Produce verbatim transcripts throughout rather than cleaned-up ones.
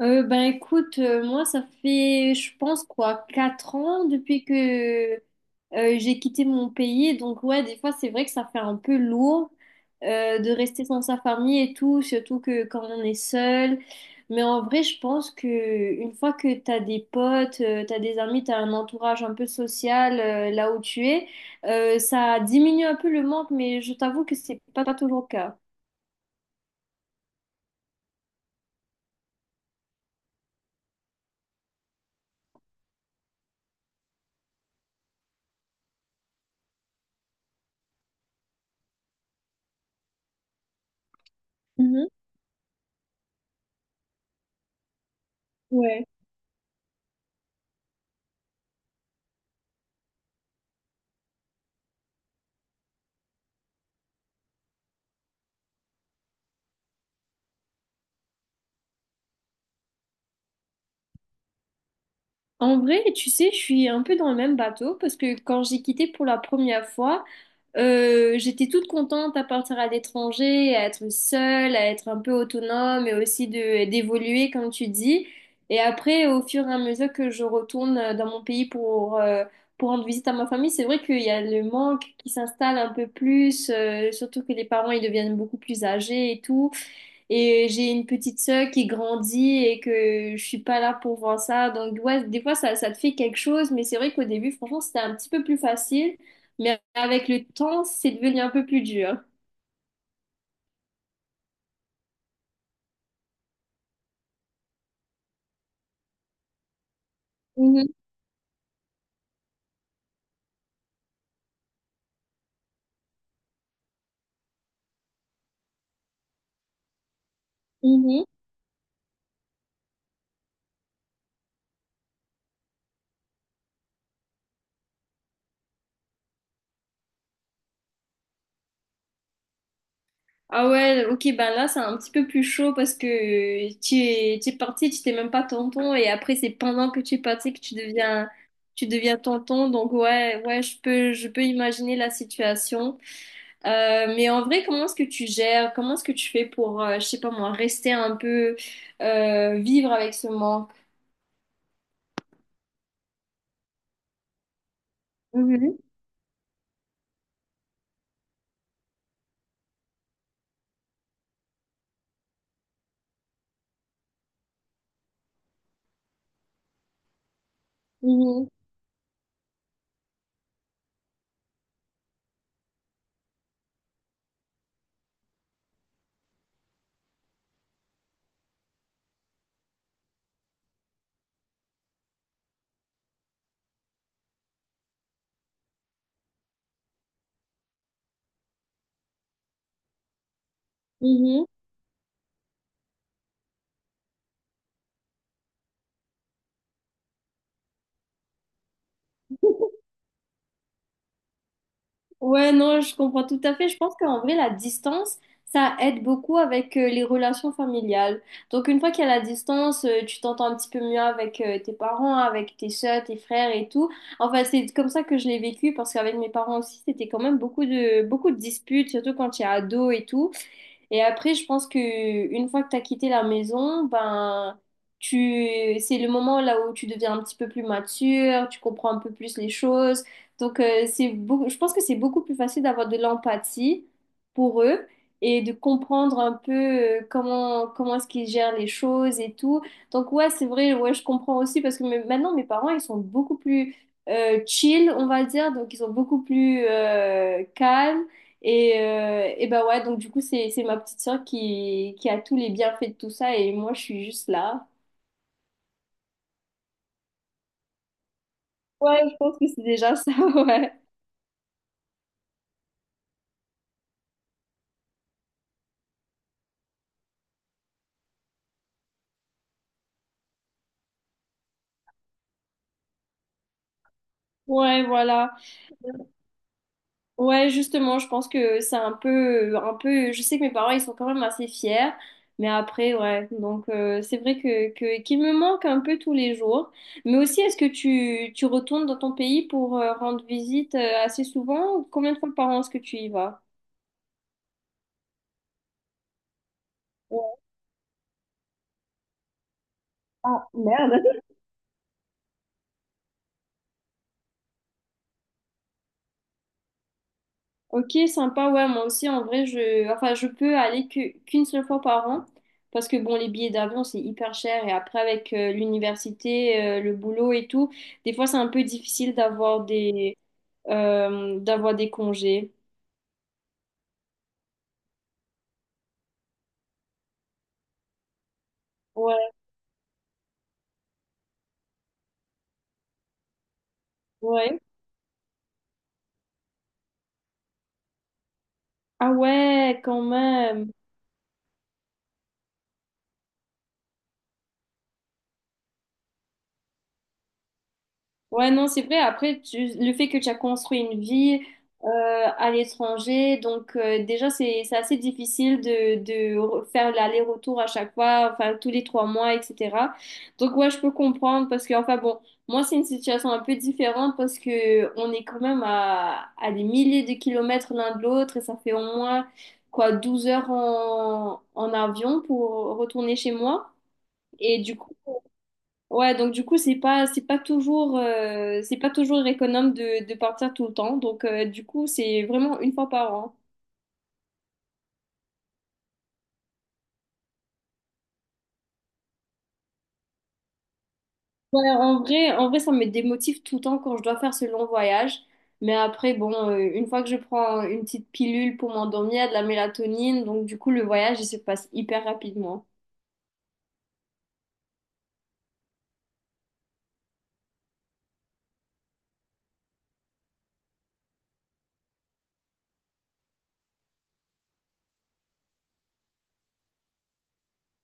Euh, ben écoute, euh, moi ça fait, je pense quoi, quatre ans depuis que euh, j'ai quitté mon pays. Donc ouais, des fois c'est vrai que ça fait un peu lourd euh, de rester sans sa famille et tout, surtout que quand on est seul. Mais en vrai, je pense que une fois que t'as des potes, euh, t'as des amis, t'as un entourage un peu social euh, là où tu es, euh, ça diminue un peu le manque. Mais je t'avoue que c'est pas, pas toujours le cas. Mhm. Ouais. En vrai, tu sais, je suis un peu dans le même bateau parce que quand j'ai quitté pour la première fois, euh, j'étais toute contente à partir à l'étranger, à être seule, à être un peu autonome et aussi de d'évoluer comme tu dis. Et après, au fur et à mesure que je retourne euh, dans mon pays pour euh, pour rendre visite à ma famille, c'est vrai qu'il y a le manque qui s'installe un peu plus, euh, surtout que les parents ils deviennent beaucoup plus âgés et tout. Et j'ai une petite sœur qui grandit et que je suis pas là pour voir ça. Donc ouais, des fois ça, ça te fait quelque chose, mais c'est vrai qu'au début, franchement, c'était un petit peu plus facile mais avec le temps, c'est devenu un peu plus dur. Mhm, mhm. Ah ouais, ok, ben là, c'est un petit peu plus chaud parce que euh, tu es, tu es, parti, tu t'es même pas tonton, et après, c'est pendant que tu es parti que tu deviens, tu deviens tonton. Donc, ouais, ouais, je peux, je peux imaginer la situation. Euh, mais en vrai, comment est-ce que tu gères? Comment est-ce que tu fais pour, euh, je sais pas moi, rester un peu, euh, vivre avec ce manque? Mhm, mhm, mhm. Ouais, non, je comprends tout à fait. Je pense qu'en vrai, la distance, ça aide beaucoup avec euh, les relations familiales. Donc, une fois qu'il y a la distance, euh, tu t'entends un petit peu mieux avec euh, tes parents, avec tes soeurs, tes frères et tout. Enfin, c'est comme ça que je l'ai vécu parce qu'avec mes parents aussi, c'était quand même beaucoup de, beaucoup de disputes, surtout quand tu es ado et tout. Et après, je pense que une fois que tu as quitté la maison, ben tu c'est le moment là où tu deviens un petit peu plus mature, tu comprends un peu plus les choses. Donc euh, c'est beaucoup, je pense que c'est beaucoup plus facile d'avoir de l'empathie pour eux et de comprendre un peu euh, comment comment est-ce qu'ils gèrent les choses et tout. Donc ouais, c'est vrai, ouais, je comprends aussi parce que me- maintenant mes parents, ils sont beaucoup plus euh, chill, on va dire, donc ils sont beaucoup plus euh, calmes. Et, euh, et bah ouais, donc du coup, c'est, c'est ma petite sœur qui, qui a tous les bienfaits de tout ça et moi, je suis juste là. Ouais, je pense que c'est déjà ça, ouais. Ouais, voilà. Ouais, justement, je pense que c'est un peu, un peu, je sais que mes parents, ils sont quand même assez fiers, mais après, ouais. Donc, euh, c'est vrai que, que, qu'il me manque un peu tous les jours. Mais aussi, est-ce que tu, tu retournes dans ton pays pour euh, rendre visite euh, assez souvent ou combien de fois par an est-ce que tu y vas? Ouais. Ah, merde. Ok, sympa, ouais, moi aussi, en vrai, je, enfin, je peux aller que- qu'une seule fois par an, parce que, bon, les billets d'avion, c'est hyper cher, et après, avec euh, l'université, euh, le boulot et tout, des fois, c'est un peu difficile d'avoir des, euh, d'avoir des congés. Ouais, ouais. Ah ouais, quand même. Ouais, non, c'est vrai. Après, tu- le fait que tu as construit une vie euh, à l'étranger, donc euh, déjà, c'est, c'est assez difficile de, de faire l'aller-retour à chaque fois, enfin, tous les trois mois, et cetera. Donc, ouais, je peux comprendre parce que, enfin, bon, moi, c'est une situation un peu différente parce que on est quand même à, à des milliers de kilomètres l'un de l'autre et ça fait au moins, quoi, douze heures en, en avion pour retourner chez moi. Et du coup. Ouais, donc du coup, c'est pas, c'est pas toujours, euh, c'est pas toujours économe de, de partir tout le temps. Donc euh, du coup, c'est vraiment une fois par an. Ouais, en vrai, en vrai, ça me démotive tout le temps quand je dois faire ce long voyage. Mais après, bon, euh, une fois que je prends une petite pilule pour m'endormir, il y a de la mélatonine, donc du coup, le voyage, il se passe hyper rapidement.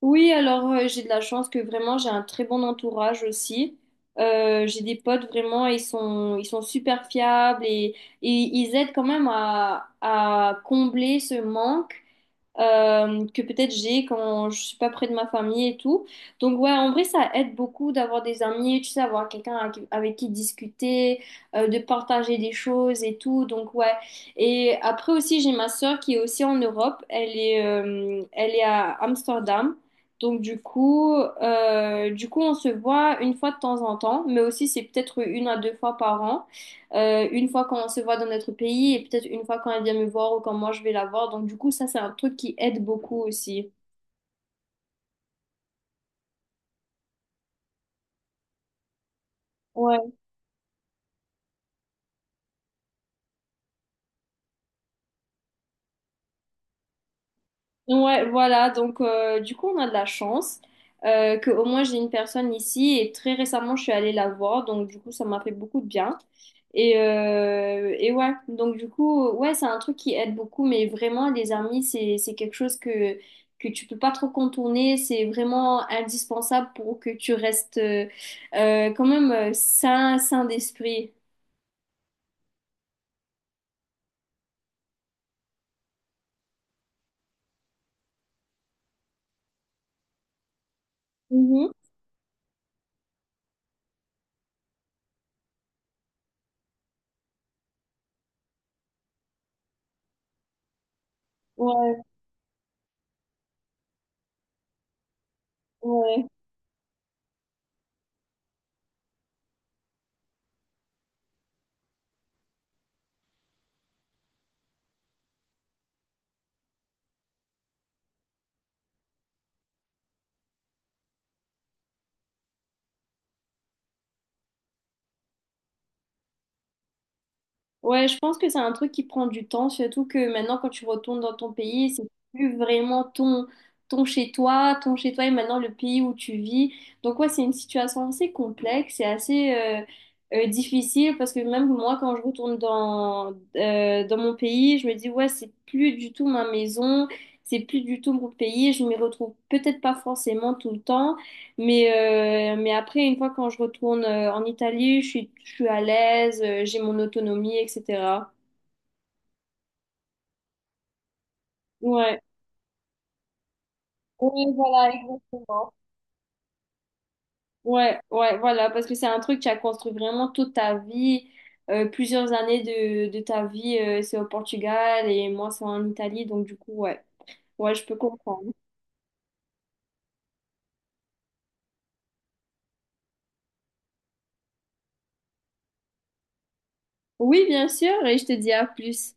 Oui, alors euh, j'ai de la chance que vraiment j'ai un très bon entourage aussi. Euh, j'ai des potes vraiment, ils sont, ils sont super fiables et, et ils aident quand même à, à combler ce manque euh, que peut-être j'ai quand je suis pas près de ma famille et tout. Donc ouais, en vrai, ça aide beaucoup d'avoir des amis, tu sais, avoir quelqu'un avec, avec qui discuter, euh, de partager des choses et tout. Donc ouais. Et après aussi, j'ai ma sœur qui est aussi en Europe. Elle est, euh, elle est à Amsterdam. Donc du coup, euh, du coup, on se voit une fois de temps en temps, mais aussi c'est peut-être une à deux fois par an euh, une fois quand on se voit dans notre pays et peut-être une fois quand elle vient me voir ou quand moi je vais la voir. Donc du coup, ça, c'est un truc qui aide beaucoup aussi. Ouais. Ouais, voilà, donc euh, du coup on a de la chance euh, que au moins j'ai une personne ici et très récemment je suis allée la voir, donc du coup ça m'a fait beaucoup de bien. Et, euh, et ouais, donc du coup, ouais, c'est un truc qui aide beaucoup, mais vraiment les amis, c'est, c'est quelque chose que, que tu peux pas trop contourner, c'est vraiment indispensable pour que tu restes euh, euh, quand même euh, sain, sain d'esprit. Mhm. Ouais, ouais. Ouais, je pense que c'est un truc qui prend du temps, surtout que maintenant, quand tu retournes dans ton pays, c'est plus vraiment ton, ton chez-toi, ton chez-toi est maintenant le pays où tu vis. Donc, ouais, c'est une situation assez complexe et assez euh, euh, difficile parce que même moi, quand je retourne dans, euh, dans mon pays, je me dis, ouais, c'est plus du tout ma maison, c'est plus du tout mon pays, je m'y retrouve peut-être pas forcément tout le temps. Mais, euh, mais après, une fois quand je retourne euh, en Italie, je suis, je suis à l'aise, euh, j'ai mon autonomie, et cetera. Ouais, ouais voilà, exactement. Ouais, ouais, voilà, parce que c'est un truc qui a construit vraiment toute ta vie, euh, plusieurs années de, de ta vie, euh, c'est au Portugal et moi c'est en Italie, donc du coup, ouais, ouais, je peux comprendre. Oui, bien sûr, et je te dis à plus.